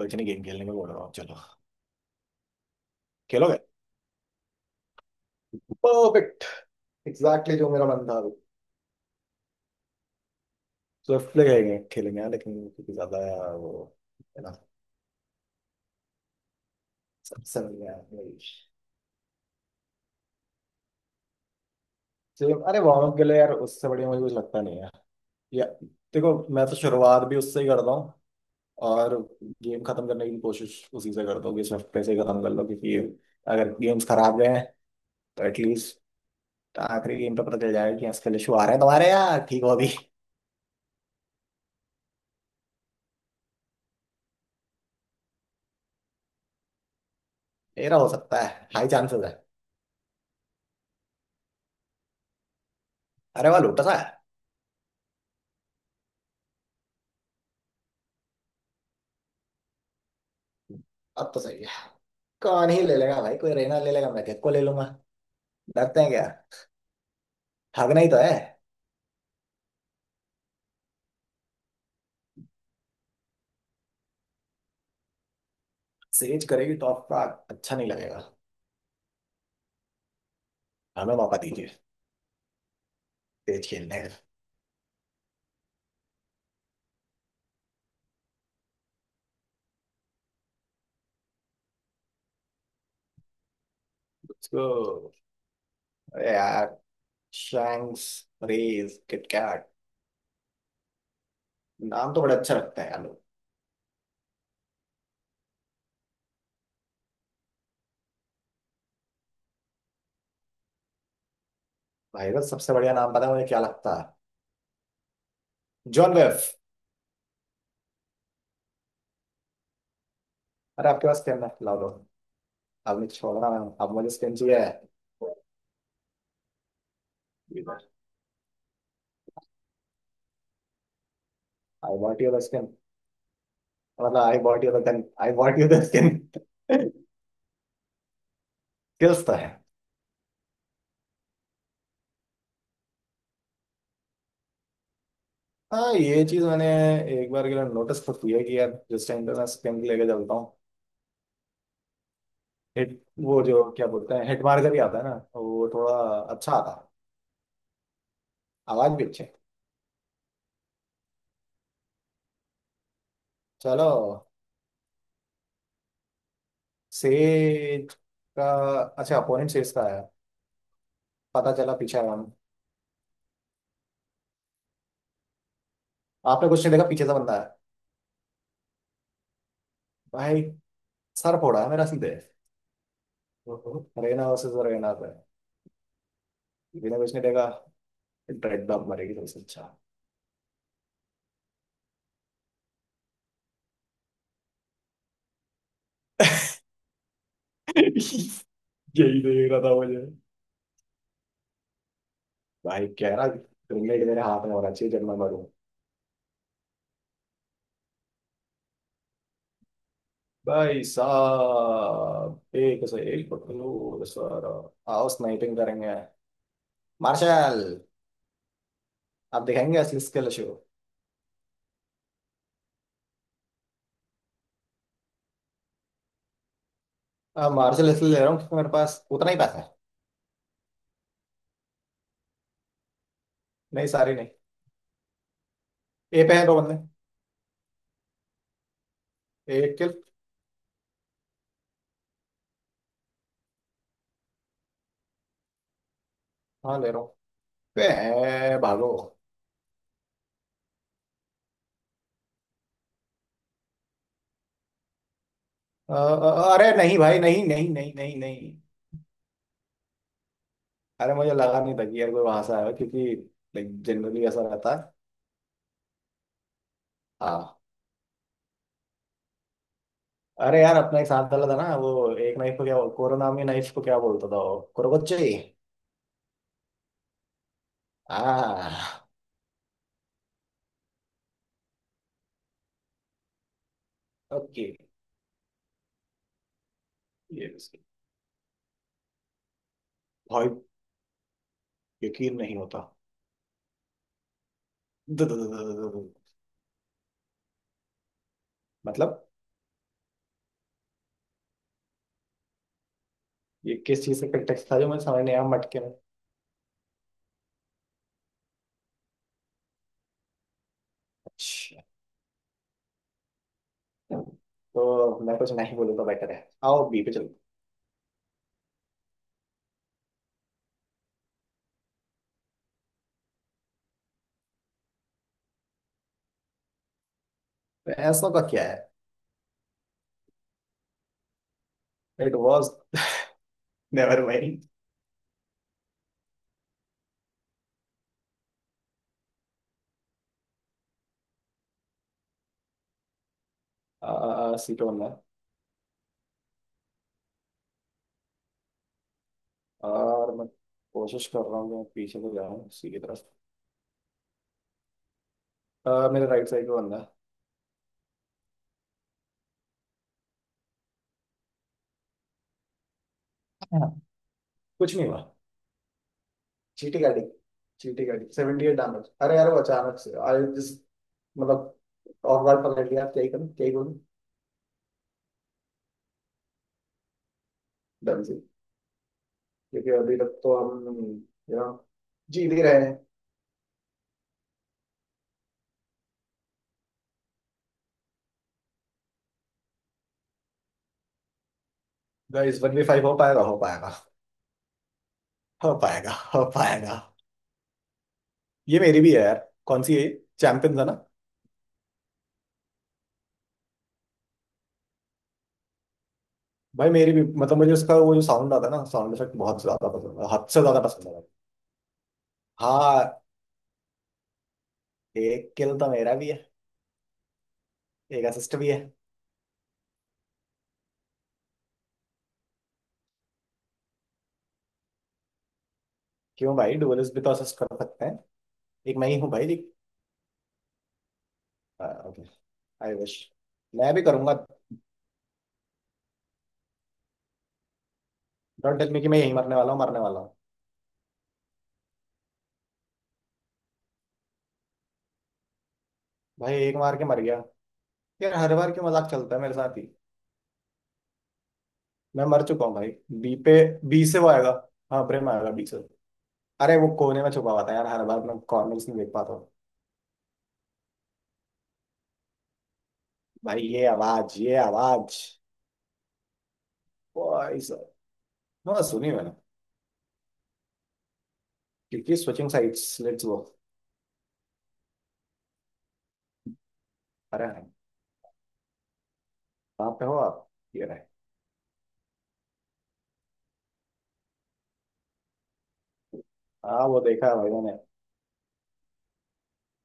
कुछ नहीं। गेम खेलने को बोल रहा हूँ। चलो खेलोगे? परफेक्ट। एग्जैक्टली जो मेरा मन था अभी। स्विफ्ट प्ले खेलेंगे खेलेंगे यार, लेकिन क्योंकि ज्यादा यार वो, है ना? सबसे बढ़िया English। चलो। अरे वार्म अप के लिए यार उससे बढ़िया मुझे कुछ लगता नहीं है। या देखो, मैं तो शुरुआत भी उससे ही करता हूँ और गेम खत्म करने की कोशिश उसी से करता हूँ कि स्विफ्ट प्ले से ही खत्म कर लो, क्योंकि अगर गेम्स खराब गए हैं तो एटलीस्ट आखिरी गेम पे पता चल जाएगा कि इसके इशू आ रहे हैं तुम्हारे। यार ठीक हो अभी? मेरा हो सकता है, हाई चांसेस है। अरे वाह लोटा सा। अब तो सही है। कौन ही ले लेगा भाई? कोई रहना ले लेगा, मैं किसको को ले लूंगा। डरते हैं क्या? भागना ही तो है। सेज करेगी टॉप का, अच्छा नहीं लगेगा। हमें मौका दीजिए तेज खेलने का। उसको, अरे यार शैंक्स, रेज, किटकैट, नाम तो बड़ा अच्छा रखते हैं यार लोग। भाई का सबसे बढ़िया नाम पता है मुझे क्या लगता है? जॉन वेफ। अरे आपके पास स्किन है, लाओ लो। अब नहीं छोड़ना मैं। अब मुझे स्किन चाहिए। I want your skin. मतलब I want your gun, I want your skin. Skills तो है। हाँ ये चीज मैंने एक बार के लिए नोटिस तो की है कि यार जिस टाइम पे मैं स्पिन लेके चलता हूँ, हिट, वो जो क्या बोलते हैं हिट मार्कर ही आता है ना, तो वो थोड़ा अच्छा आता है। आवाज भी अच्छी है। चलो। सेज का अच्छा अपोनेंट, सेज का आया। पता चला पीछे आया हूँ। आपने कुछ नहीं देखा, पीछे से बंदा है भाई। सर फोड़ा है मेरा सीधे। ओहो। रेना वर्सेस रेना पे। बिना कुछ नहीं देखा। ड्रेड डॉग मरेगी सबसे अच्छा। यही देख रहा था मुझे। भाई कह रहा ग्रेनेड मेरे हाथ में होना चाहिए जब मैं मरूं। भाई साहब एक से एक पकड़ो सर। आओ स्नाइपिंग करेंगे, मार्शल। आप दिखाएंगे असली स्किल शो। अब मार्शल इसलिए ले रहा हूँ क्योंकि मेरे पास उतना ही पैसा है। नहीं, सारी नहीं। ए पे है दो बंदे, एक किल। हाँ ले रहा हूँ। पे है, भागो। अरे नहीं भाई, नहीं नहीं नहीं नहीं नहीं। अरे मुझे लगा नहीं था कि यार कोई वहां से आया हो, क्योंकि जनरली ऐसा रहता है। हाँ। अरे यार अपना एक साथ डाला था ना वो, एक नाइफ को क्या कोरोना में नाइफ को क्या बोलता था वो, कुरोकोच्ची। आ ओके। ये भाई, यकीन नहीं होता। द- द- द- द- द- द- मतलब ये किस चीज का कंटेक्स्ट था जो मुझे समझ नहीं आया, मटके में? अच्छा, तो मैं कुछ नहीं बोलूंगा, बेटर है। आओ बी पे चलो। तो ऐसा का क्या है? It was, never mind. C पे बनना है। और मैं कोशिश कर रहा हूँ कि मैं पीछे को जाऊँ सी की तरफ। मेरे राइट साइड पे बनना है। कुछ नहीं हुआ। चीटी गाड़ी, चीटी गाड़ी 78 डैमेज, अरे यार वो अचानक से आई जस्ट, मतलब ऑफ गार्ड पकड़ लिया, क्या ही करूं क्या ही बोलूं। डन सी, क्योंकि अभी तक तो हम यू नो जीत ही रहे हैं। गाइस 1v5 हो पाएगा? हो पाएगा, हो पाएगा, हो पाएगा। ये मेरी भी है यार। कौन सी है? चैंपियंस है ना? भाई मेरी भी, मतलब मुझे उसका वो जो साउंड आता है ना, साउंड इफेक्ट बहुत ज्यादा पसंद है, हद से ज्यादा पसंद है भाई। हाँ, एक किल तो मेरा भी है। एक असिस्ट भी है। क्यों भाई, डुअलिस्ट भी तो असिस्ट कर सकते हैं। एक मैं ही हूँ भाई। जी। आई विश मैं भी करूंगा। डोंट टेल मी कि मैं यही मरने वाला हूँ, मरने वाला हूँ। भाई एक मार के मर गया। यार हर बार क्यों मजाक चलता है मेरे साथ ही। मैं मर चुका हूँ भाई। बी पे, बी से वो आएगा। हाँ, प्रेम आएगा बी से। अरे वो कोने में छुपा हुआ था यार, हर बार मैं कॉर्नर्स नहीं देख पाता हूँ। भाई ये आवाज, ये आवाज। भाई साहब। हाँ सुनी मैंने। क्योंकि स्विचिंग साइट्स, लेट्स गो। अरे हाँ, कहाँ पे हो आप? ये रहे। हाँ वो देखा है भाई मैंने।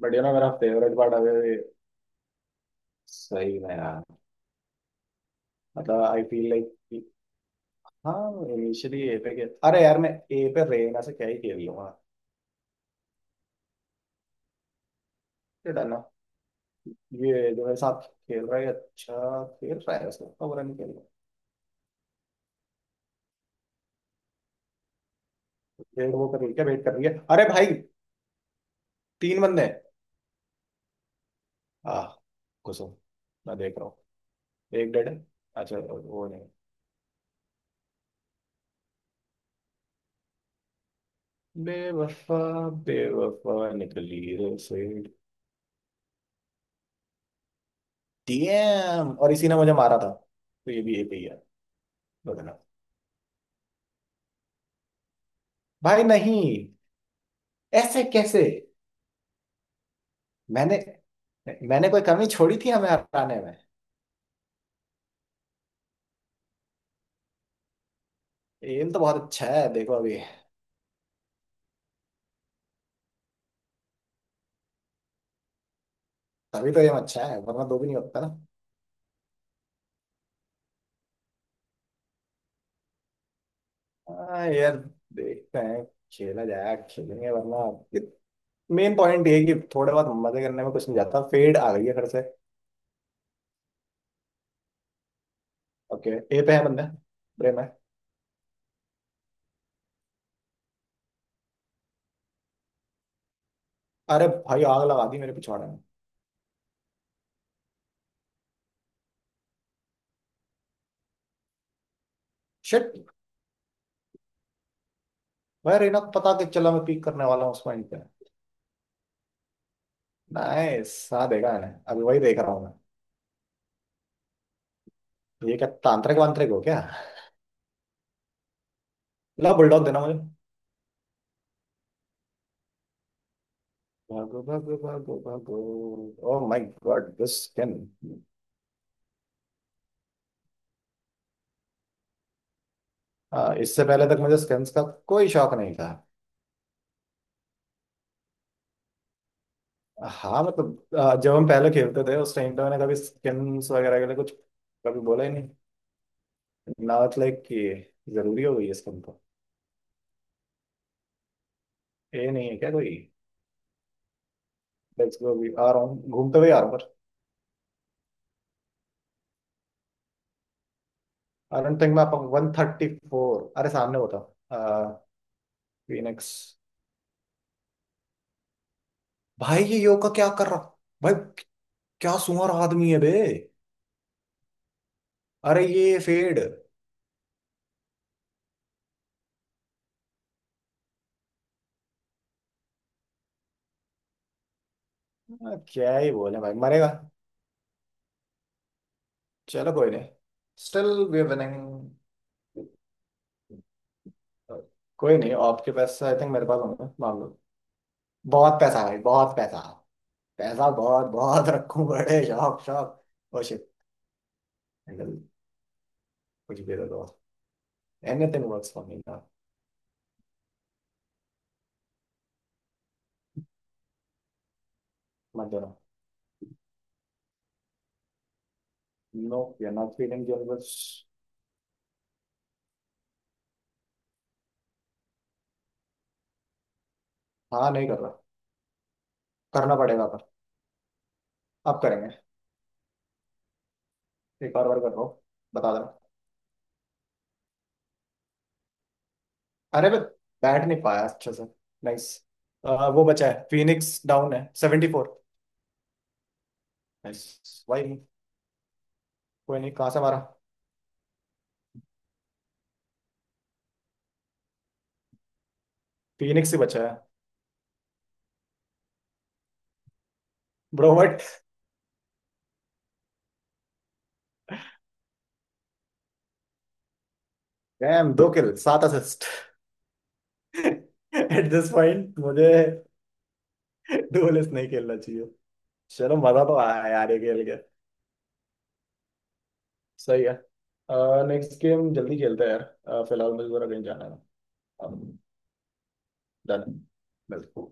बट मेरा फेवरेट पार्ट अभी भी- सही में यार। मतलब आई फील लाइक, हाँ इनिशियली ए पे खेल। अरे यार मैं ए पे रेना से क्या ही खेल लूंगा। ये डालना। ये जो मेरे साथ खेल रहा है अच्छा खेल रहा है, उसको, इतना बुरा नहीं खेल रहा। वेट, वो कर रही है क्या? वेट कर रही है? अरे भाई, तीन बंदे हैं। आ घुसो। मैं देख रहा हूँ, एक डेड है। अच्छा वो नहीं। बेवफा, बेवफा निकली रे फिर। डीएम, और इसी ने मुझे मारा था, तो ये भी ए पे ही है। बताना। भाई नहीं, ऐसे कैसे? मैंने मैंने कोई कमी छोड़ी थी हमें हराने में? एम तो बहुत अच्छा है देखो अभी। तभी तो एम अच्छा है, वरना दो भी नहीं होता ना। हाँ यार, देखते हैं। खेला जाए खेलेंगे, वरना मेन पॉइंट ये है कि थोड़े बहुत मजे करने में कुछ नहीं जाता। फेड आ गई है घर से। ओके। ए पे है बंदा, प्रेम है। अरे भाई आग लगा दी मेरे पिछवाड़े में। शिट। भाई रेना को पता कि चला मैं पीक करने वाला हूँ उस पॉइंट पे। नाइस, हाँ देखा मैंने, अभी वही देख रहा हूँ। मैं, ये क्या तांत्रिक वांत्रिक हो क्या? ला बुलडॉग देना मुझे। भागो भागो भागो भागो। Oh my God, this skin. इससे पहले तक मुझे स्किन्स का कोई शौक नहीं था। हाँ मतलब जब हम पहले खेलते थे उस टाइम पे, मैंने कभी स्किन्स वगैरह के लिए कुछ कभी बोला ही नहीं। नॉट लाइक कि जरूरी हो गई है स्किन तो। ये नहीं है क्या कोई? लेट्स गो, अभी आ रहा हूँ, घूमते हुए आ रहा हूँ। पर अनंत में आप 134, अरे सामने होता। फिनिक्स, भाई ये योगा क्या कर रहा? भाई, क्या सुअर आदमी है बे। अरे ये फेड। क्या ही बोले भाई, मरेगा। चलो कोई नहीं, स्टिल वी आर विनिंग। कोई नहीं, आपके पास, आई थिंक मेरे पास होंगे, मान लो। बहुत पैसा है भाई, बहुत पैसा। पैसा बहुत, बहुत रखूं, बड़े शौक शौक। Oh shit. कुछ भी दे दो। एनीथिंग वर्क्स फॉर मी ना। मत देना। No we are not feeling your बस। हाँ नहीं कर रहा। करना पड़ेगा पर, अब करेंगे। एक और बार कर रहा हूँ, बता देना। अरे मैं बैठ नहीं पाया अच्छे से। नाइस, वो बचा है, फिनिक्स डाउन है 74। नाइस। भाई कोई नहीं, कहाँ से मारा? फिनिक्स ही बचा है। ब्रो, डैम, दो किल सात असिस्ट। एट दिस पॉइंट मुझे डुएलिस्ट नहीं खेलना चाहिए। चलो मजा तो आया यार ये खेल के। सही है। नेक्स्ट गेम जल्दी खेलते हैं यार। फिलहाल मुझे जरा कहीं जाना है। डन, बिल्कुल।